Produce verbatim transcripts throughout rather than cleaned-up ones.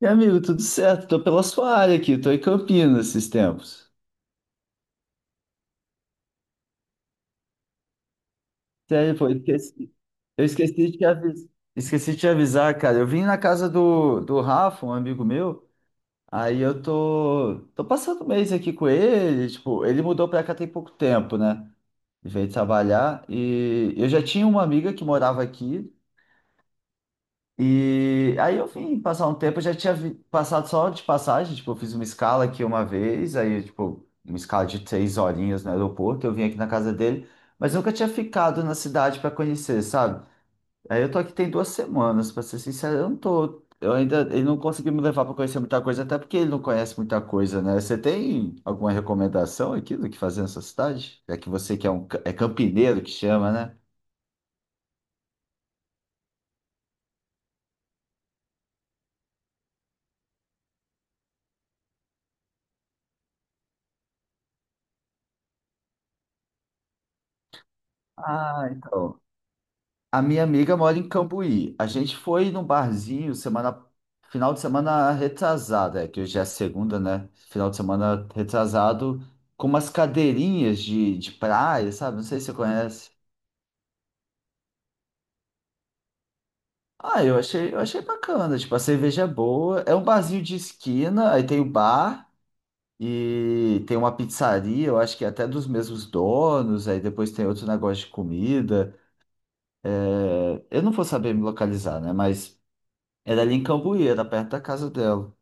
E amigo, tudo certo? Tô pela sua área aqui, tô em Campinas esses tempos. Sério, pô, eu esqueci, eu esqueci de te avisar, esqueci de te avisar, cara. Eu vim na casa do, do Rafa, um amigo meu, aí eu tô, tô passando um mês aqui com ele, tipo, ele mudou pra cá tem pouco tempo, né? Veio trabalhar e eu já tinha uma amiga que morava aqui, e aí eu vim passar um tempo, eu já tinha vi- passado só de passagem, tipo, eu fiz uma escala aqui uma vez, aí, tipo, uma escala de três horinhas no aeroporto, eu vim aqui na casa dele, mas nunca tinha ficado na cidade para conhecer, sabe? Aí eu tô aqui tem duas semanas, pra ser sincero, eu não tô, eu ainda, ele não conseguiu me levar para conhecer muita coisa, até porque ele não conhece muita coisa, né? Você tem alguma recomendação aqui do que fazer nessa cidade? É que você que é um, ca- é campineiro que chama, né? Ah, então. A minha amiga mora em Cambuí. A gente foi num barzinho semana, final de semana retrasada, é, que hoje é a segunda, né? Final de semana retrasado, com umas cadeirinhas de, de praia, sabe? Não sei se você conhece. Ah, eu achei, eu achei bacana. Tipo, a cerveja é boa. É um barzinho de esquina, aí tem o bar e tem uma pizzaria, eu acho que é até dos mesmos donos. Aí depois tem outro negócio de comida. É, eu não vou saber me localizar, né? Mas era ali em Cambuí, era perto da casa dela.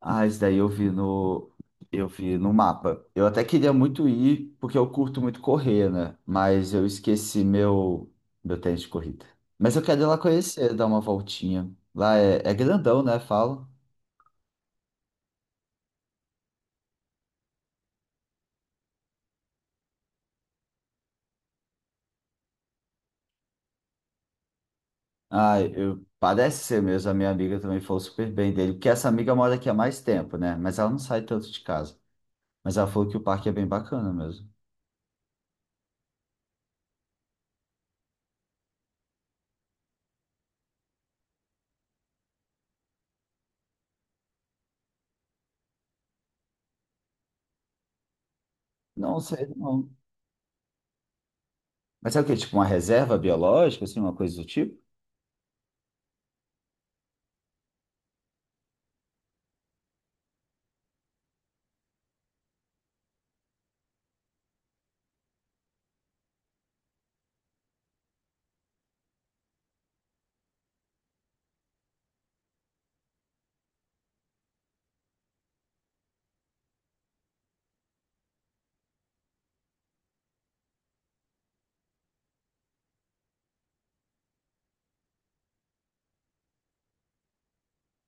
Ah, isso daí eu vi no, eu vi no mapa. Eu até queria muito ir, porque eu curto muito correr, né? Mas eu esqueci meu, meu tênis de corrida. Mas eu quero ir lá conhecer, dar uma voltinha. Lá é, é grandão, né? Fala. Ah, eu, parece ser mesmo. A minha amiga também falou super bem dele. Porque essa amiga mora aqui há mais tempo, né? Mas ela não sai tanto de casa. Mas ela falou que o parque é bem bacana mesmo. Não sei, não. Mas é o quê? Tipo uma reserva biológica, assim, uma coisa do tipo?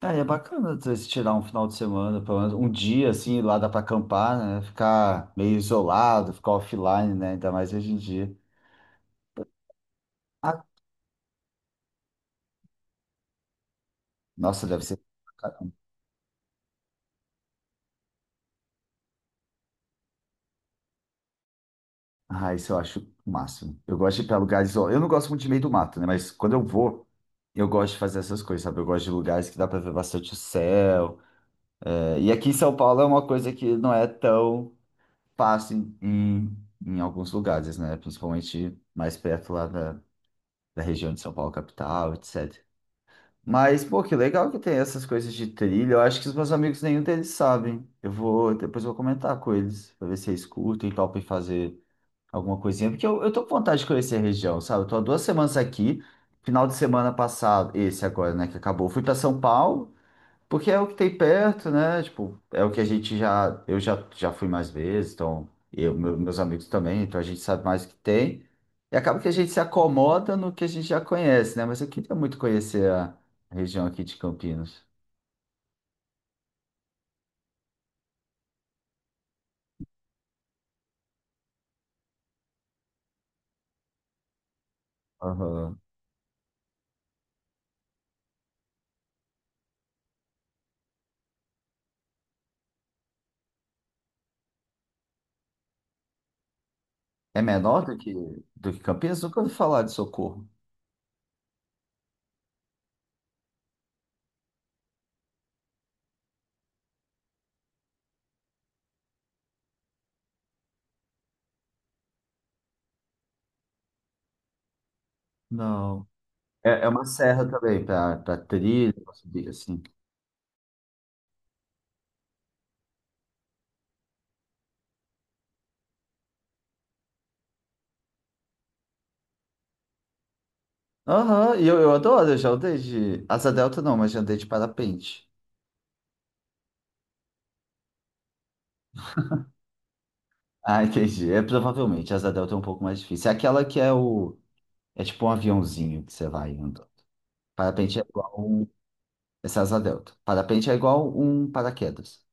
Ah, e é bacana às vezes, tirar um final de semana, pelo menos um dia assim, lá dá para acampar, né? Ficar meio isolado, ficar offline, né? Ainda mais hoje em dia. Ah, nossa, deve ser. Ah, isso eu acho o máximo. Eu gosto de ir para lugares. Ó, eu não gosto muito de meio do mato, né? Mas quando eu vou, eu gosto de fazer essas coisas, sabe? Eu gosto de lugares que dá para ver bastante o céu. É, e aqui em São Paulo é uma coisa que não é tão fácil em, em, em alguns lugares, né? Principalmente mais perto lá da, da região de São Paulo, capital, etcetera. Mas, pô, que legal que tem essas coisas de trilha. Eu acho que os meus amigos, nenhum deles sabem. Eu vou, depois eu vou comentar com eles, pra ver se eles curtem e topem fazer alguma coisinha. Porque eu, eu tô com vontade de conhecer a região, sabe? Eu tô há duas semanas aqui. Final de semana passado, esse agora, né, que acabou. Fui pra São Paulo, porque é o que tem perto, né? Tipo, é o que a gente já. Eu já, já fui mais vezes, então. Eu, meu- meus amigos também, então a gente sabe mais o que tem. E acaba que a gente se acomoda no que a gente já conhece, né? Mas eu queria muito conhecer a região aqui de Campinas. Aham. É menor do que, do que Campinas? Nunca ouvi falar de Socorro. Não. É, é uma serra também, pra, pra trilha, pra subir assim. Aham, e eu, eu adoro, eu já andei de. Asa delta não, mas já andei de parapente. Ah, entendi. É, provavelmente, asa delta é um pouco mais difícil. É aquela que é o... É tipo um aviãozinho que você vai andando. Parapente é igual um... Essa é asa delta. Parapente é igual um paraquedas.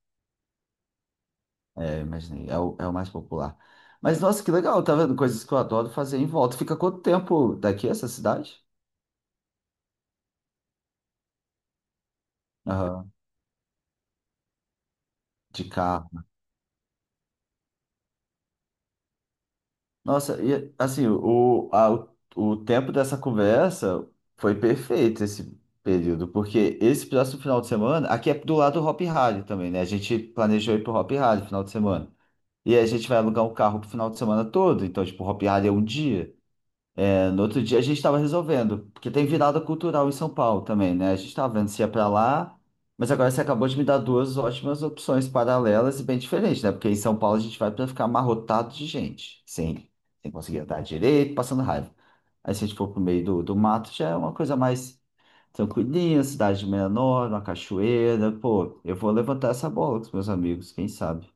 É, imaginei. É o, é o mais popular. Mas, nossa, que legal. Tá vendo? Coisas que eu adoro fazer em volta. Fica quanto tempo daqui essa cidade? Aham. De carro. Nossa, e assim, o, a, o, o tempo dessa conversa foi perfeito esse período, porque esse próximo final de semana, aqui é do lado do Hop Harry também, né? A gente planejou ir pro Hop Harry final de semana. E aí a gente vai alugar um carro pro final de semana todo, então, tipo, o Hop Harry é um dia. No outro dia a gente estava resolvendo, porque tem virada cultural em São Paulo também, né? A gente estava vendo se ia para lá, mas agora você acabou de me dar duas ótimas opções paralelas e bem diferentes, né? Porque em São Paulo a gente vai para ficar amarrotado de gente, sem, sem conseguir andar direito, passando raiva. Aí se a gente for pro meio do, do mato, já é uma coisa mais tranquilinha, cidade menor, uma cachoeira. Pô, eu vou levantar essa bola com os meus amigos, quem sabe?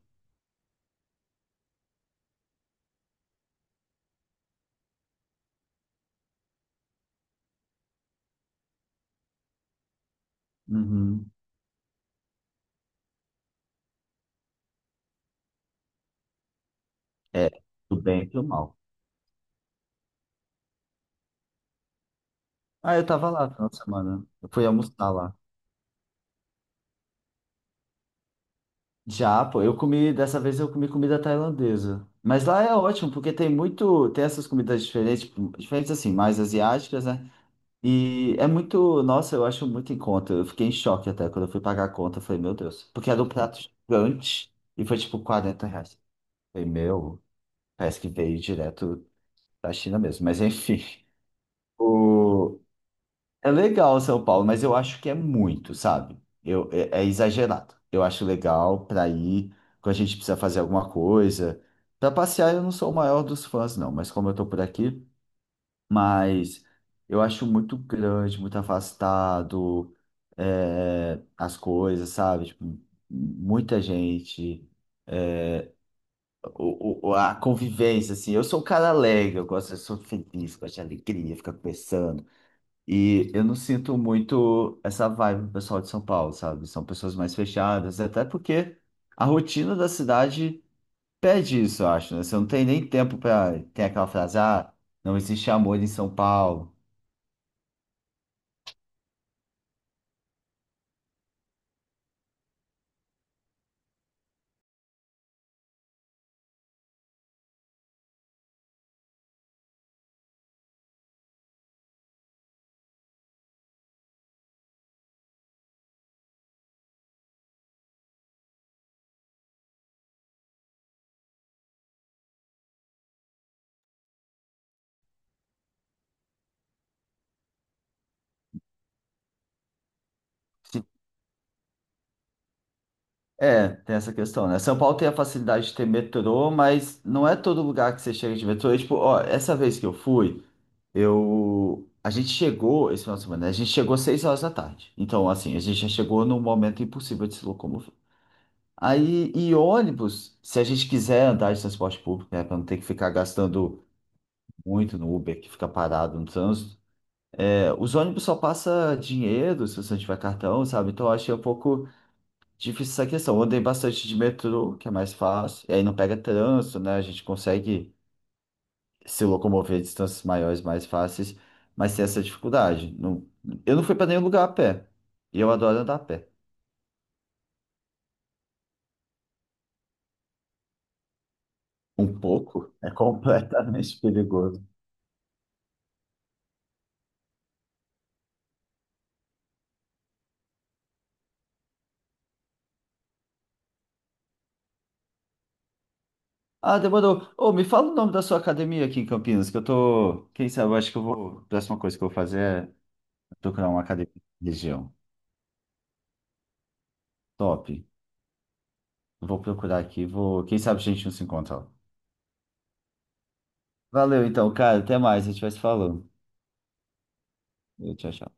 Uhum. É, do bem e do mal. Ah, eu tava lá no final de semana. Eu fui almoçar lá. Já, pô, eu comi, dessa vez eu comi comida tailandesa. Mas lá é ótimo, porque tem muito, tem essas comidas diferentes, tipo, diferentes assim, mais asiáticas, né? E é muito, nossa, eu acho muito em conta. Eu fiquei em choque até quando eu fui pagar a conta, eu falei, meu Deus, porque era um prato gigante e foi tipo quarenta reais. Eu falei, meu, parece que veio direto da China mesmo, mas enfim. O... É legal São Paulo, mas eu acho que é muito, sabe? Eu, é, é exagerado. Eu acho legal para ir quando a gente precisa fazer alguma coisa. Para passear, eu não sou o maior dos fãs, não, mas como eu tô por aqui, mas eu acho muito grande, muito afastado, é, as coisas, sabe? Tipo, muita gente, o, o- a convivência, assim. Eu sou um cara alegre, eu gosto, eu sou feliz, gosto de alegria, ficar conversando e eu não sinto muito essa vibe do pessoal de São Paulo, sabe? São pessoas mais fechadas, até porque a rotina da cidade pede isso, eu acho, né? Você não tem nem tempo para. Tem aquela frase, ah, não existe amor em São Paulo. Se- É, tem essa questão, né? São Paulo tem a facilidade de ter metrô, mas não é todo lugar que você chega de metrô. E, tipo, ó, essa vez que eu fui, eu. A gente chegou esse final de semana, né? A gente chegou às seis horas da tarde. Então, assim, a gente já chegou num momento impossível de se locomover. Aí, e ônibus, se a gente quiser andar de transporte público, né, para não ter que ficar gastando muito no Uber, que fica parado no trânsito, é, os ônibus só passa dinheiro se você não tiver cartão, sabe? Então, eu achei um pouco difícil essa questão. Eu andei bastante de metrô, que é mais fácil, e aí não pega trânsito, né? A gente consegue se locomover distâncias maiores mais fáceis, mas tem essa dificuldade. Não, eu não fui para nenhum lugar a pé, e eu adoro andar a pé. Um pouco é completamente perigoso. Ah, demorou. Ô, me fala o nome da sua academia aqui em Campinas, que eu tô. Quem sabe, eu acho que eu vou. A próxima coisa que eu vou fazer é procurar uma academia na região. Top. Vou procurar aqui, vou. Quem sabe a gente não se encontra lá. Valeu, então, cara. Até mais. A gente vai se falando. Tchau, tchau.